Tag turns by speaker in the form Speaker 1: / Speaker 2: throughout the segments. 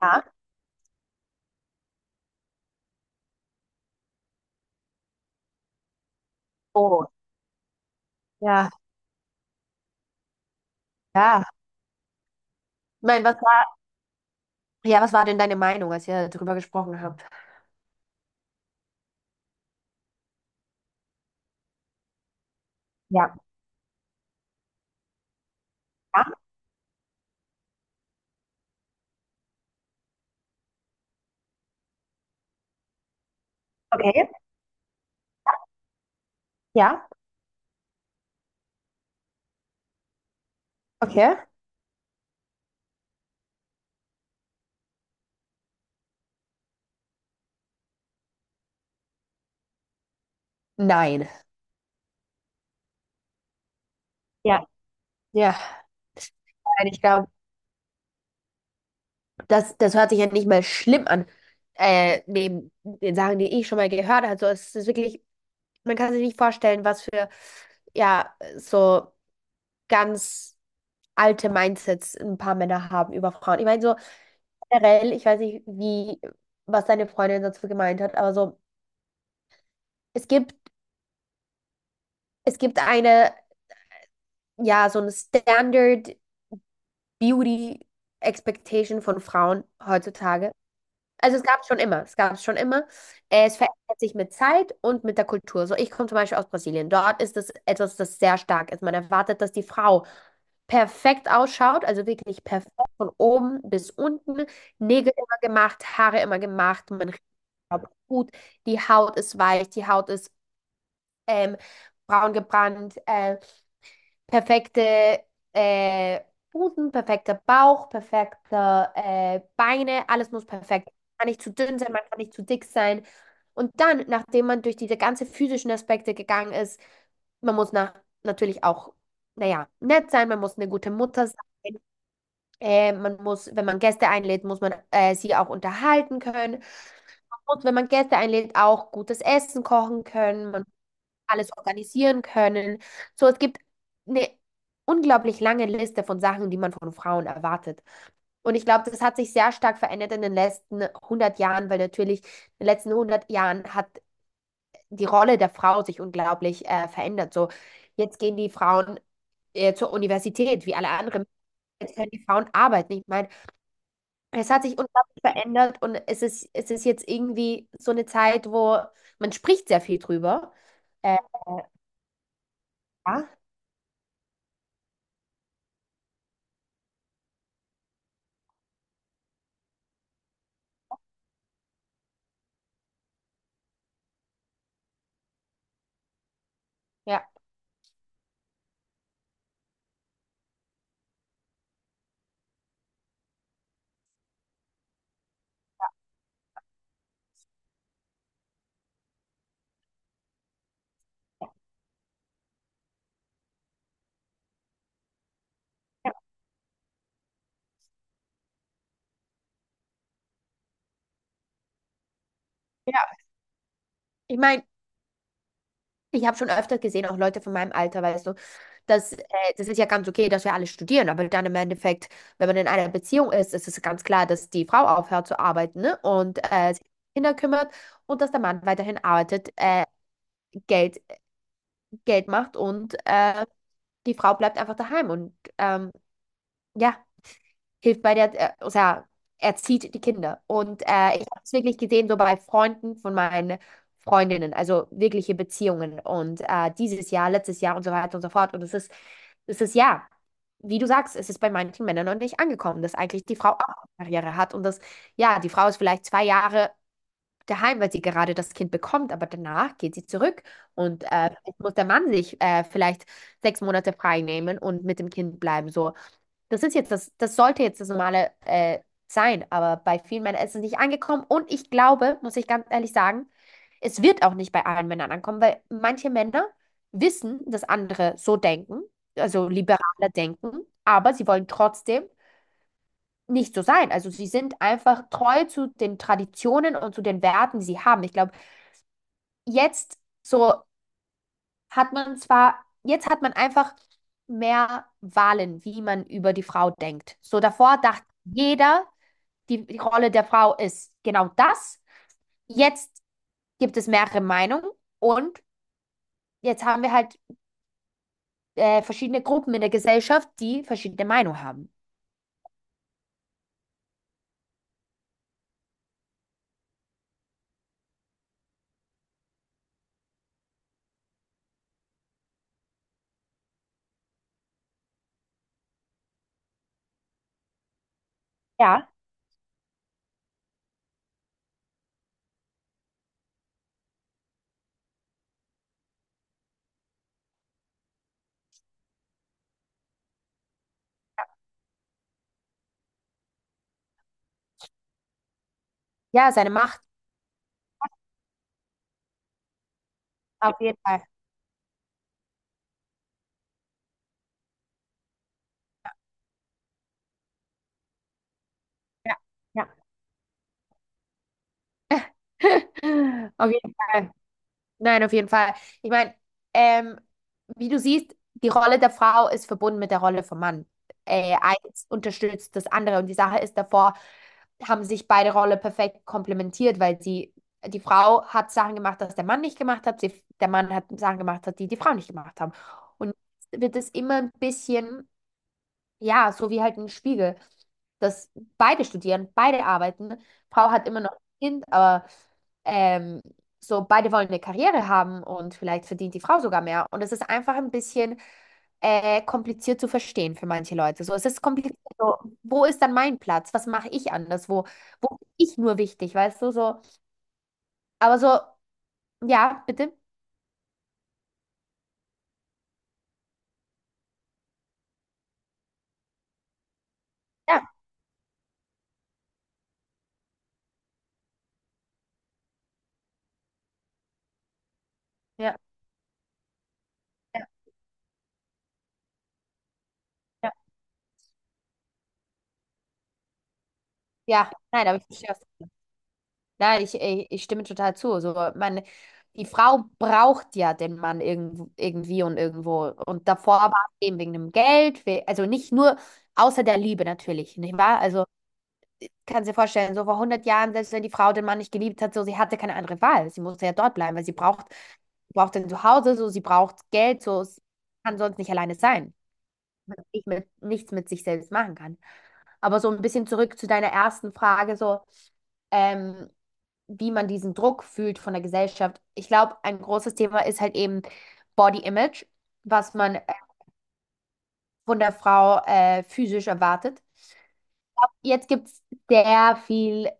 Speaker 1: Ja. Oh, ja, ja. Ich meine, ja, was war denn deine Meinung, als ihr darüber gesprochen habt? Ja. Ja, okay. Ja, okay. Nein. Ja. Ja. Nein, ich glaube, das hört sich ja nicht mal schlimm an, neben den Sachen, die ich schon mal gehört habe. So, es ist wirklich, man kann sich nicht vorstellen, was für, ja, so ganz alte Mindsets ein paar Männer haben über Frauen. Ich meine, so generell, ich weiß nicht, wie, was deine Freundin dazu gemeint hat, aber so, es gibt Es gibt eine, ja, so eine Standard Beauty Expectation von Frauen heutzutage. Also es gab es schon immer, es gab es schon immer. Es verändert sich mit Zeit und mit der Kultur. So, ich komme zum Beispiel aus Brasilien. Dort ist es etwas, das sehr stark ist. Man erwartet, dass die Frau perfekt ausschaut, also wirklich perfekt von oben bis unten. Nägel immer gemacht, Haare immer gemacht, man riecht gut, die Haut ist weich, die Haut ist ähm, braun gebrannt. Perfekte äh, Busen, perfekter Bauch, perfekte Beine, alles muss perfekt. Man kann nicht zu dünn sein, man kann nicht zu dick sein. Und dann, nachdem man durch diese ganzen physischen Aspekte gegangen ist, man muss nach, natürlich auch, naja, nett sein, man muss eine gute Mutter sein. Man muss, wenn man Gäste einlädt, muss man sie auch unterhalten können. Man muss, wenn man Gäste einlädt, auch gutes Essen kochen können, alles organisieren können. So, es gibt eine unglaublich lange Liste von Sachen, die man von Frauen erwartet. Und ich glaube, das hat sich sehr stark verändert in den letzten 100 Jahren, weil natürlich in den letzten 100 Jahren hat die Rolle der Frau sich unglaublich verändert. So, jetzt gehen die Frauen zur Universität, wie alle anderen. Jetzt können die Frauen arbeiten. Ich meine, es hat sich unglaublich verändert und es ist jetzt irgendwie so eine Zeit, wo man spricht sehr viel drüber. Äh, ja, ja. Ja, ich meine, ich habe schon öfter gesehen, auch Leute von meinem Alter, weißt du, dass das ist ja ganz okay, dass wir alle studieren, aber dann im Endeffekt, wenn man in einer Beziehung ist, ist es ganz klar, dass die Frau aufhört zu arbeiten, ne, und sich um Kinder kümmert und dass der Mann weiterhin arbeitet, Geld, Geld macht und die Frau bleibt einfach daheim und ja, hilft bei der, o sea, erzieht die Kinder. Und ich habe es wirklich gesehen, so bei Freunden von meinen Freundinnen, also wirkliche Beziehungen. Und dieses Jahr, letztes Jahr und so weiter und so fort. Und es ist ja, wie du sagst, es ist bei manchen Männern noch nicht angekommen, dass eigentlich die Frau auch eine Karriere hat und dass, ja, die Frau ist vielleicht 2 Jahre daheim, weil sie gerade das Kind bekommt, aber danach geht sie zurück und jetzt muss der Mann sich vielleicht 6 Monate frei nehmen und mit dem Kind bleiben. So, das ist jetzt das, das sollte jetzt das Normale sein, aber bei vielen Männern ist es nicht angekommen. Und ich glaube, muss ich ganz ehrlich sagen, es wird auch nicht bei allen Männern ankommen, weil manche Männer wissen, dass andere so denken, also liberaler denken, aber sie wollen trotzdem nicht so sein. Also sie sind einfach treu zu den Traditionen und zu den Werten, die sie haben. Ich glaube, jetzt so hat man zwar, jetzt hat man einfach mehr Wahlen, wie man über die Frau denkt. So davor dachte jeder die Rolle der Frau ist genau das. Jetzt gibt es mehrere Meinungen und jetzt haben wir halt verschiedene Gruppen in der Gesellschaft, die verschiedene Meinungen haben. Ja. Ja, seine Macht, auf jeden Fall. Ja, ja. Auf jeden Fall. Nein, auf jeden Fall. Ich meine, ähm, wie du siehst, die Rolle der Frau ist verbunden mit der Rolle vom Mann. Eins unterstützt das andere. Und die Sache ist, davor haben sich beide Rollen perfekt komplementiert, weil sie, die Frau hat Sachen gemacht, das der Mann nicht gemacht hat. Sie, der Mann hat Sachen gemacht, die die Frau nicht gemacht haben. Und jetzt wird es immer ein bisschen. Ja, so wie halt ein Spiegel, dass beide studieren, beide arbeiten. Frau hat immer noch ein Kind, aber ähm, so beide wollen eine Karriere haben und vielleicht verdient die Frau sogar mehr. Und es ist einfach ein bisschen kompliziert zu verstehen für manche Leute. So, es ist kompliziert. So, wo ist dann mein Platz? Was mache ich anders? Wo bin ich nur wichtig, weißt du? So, aber so, ja, bitte. Ja, ja, ja, ja. Ja, nein, aber ich verstehe, was Ja, ich stimme total zu. So, man, die Frau braucht ja den Mann irgendwie und irgendwo. Und davor war es eben wegen dem Geld, also nicht nur außer der Liebe natürlich, nicht wahr? Also kannst du dir vorstellen, so vor 100 Jahren, selbst wenn die Frau den Mann nicht geliebt hat, so sie hatte keine andere Wahl. Sie musste ja dort bleiben, weil sie braucht ein Zuhause, so sie braucht Geld, so sie kann sonst nicht alleine sein. Weil sie nichts mit sich selbst machen kann. Aber so ein bisschen zurück zu deiner ersten Frage, so, Ähm, wie man diesen Druck fühlt von der Gesellschaft. Ich glaube, ein großes Thema ist halt eben Body Image, was man von der Frau physisch erwartet. Jetzt gibt es sehr viel,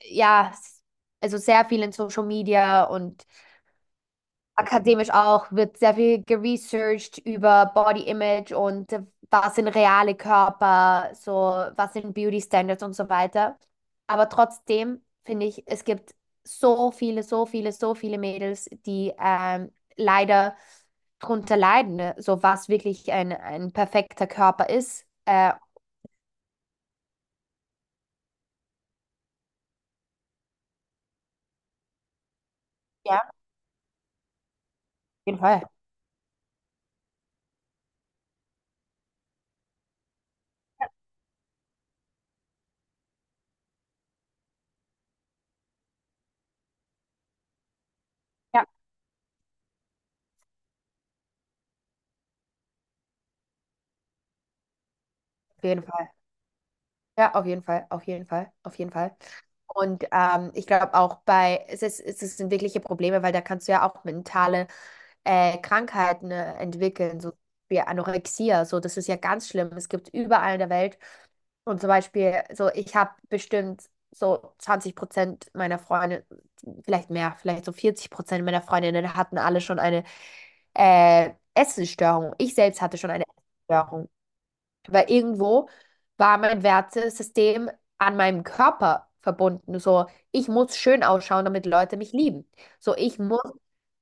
Speaker 1: ja, also sehr viel in Social Media und akademisch auch, wird sehr viel geresearched über Body Image und was sind reale Körper, so was sind Beauty Standards und so weiter. Aber trotzdem finde ich, es gibt so viele, so viele, so viele Mädels, die leider drunter leiden, ne? So was wirklich ein perfekter Körper ist. Ja, auf jeden Fall. Ja, auf jeden Fall. Ja, auf jeden Fall, auf jeden Fall, auf jeden Fall. Und ich glaube auch sind wirkliche Probleme, weil da kannst du ja auch mentale Krankheiten entwickeln, so wie Anorexia. So, das ist ja ganz schlimm. Es gibt überall in der Welt. Und zum Beispiel, so ich habe bestimmt so 20% meiner Freunde, vielleicht mehr, vielleicht so 40% meiner Freundinnen hatten alle schon eine Essensstörung. Ich selbst hatte schon eine Essensstörung. Weil irgendwo war mein Wertesystem an meinem Körper verbunden. So, ich muss schön ausschauen, damit Leute mich lieben. So, ich muss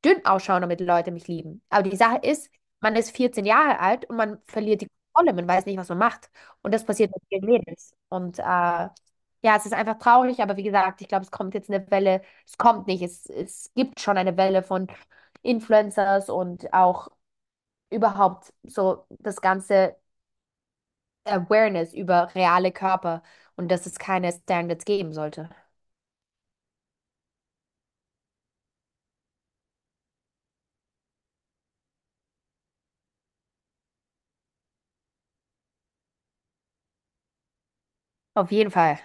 Speaker 1: dünn ausschauen, damit Leute mich lieben. Aber die Sache ist, man ist 14 Jahre alt und man verliert die Kontrolle. Man weiß nicht, was man macht. Und das passiert mit vielen Mädels. Und ja, es ist einfach traurig, aber wie gesagt, ich glaube, es kommt jetzt eine Welle. Es kommt nicht. Es gibt schon eine Welle von Influencers und auch überhaupt so das ganze Awareness über reale Körper und dass es keine Standards geben sollte. Auf jeden Fall.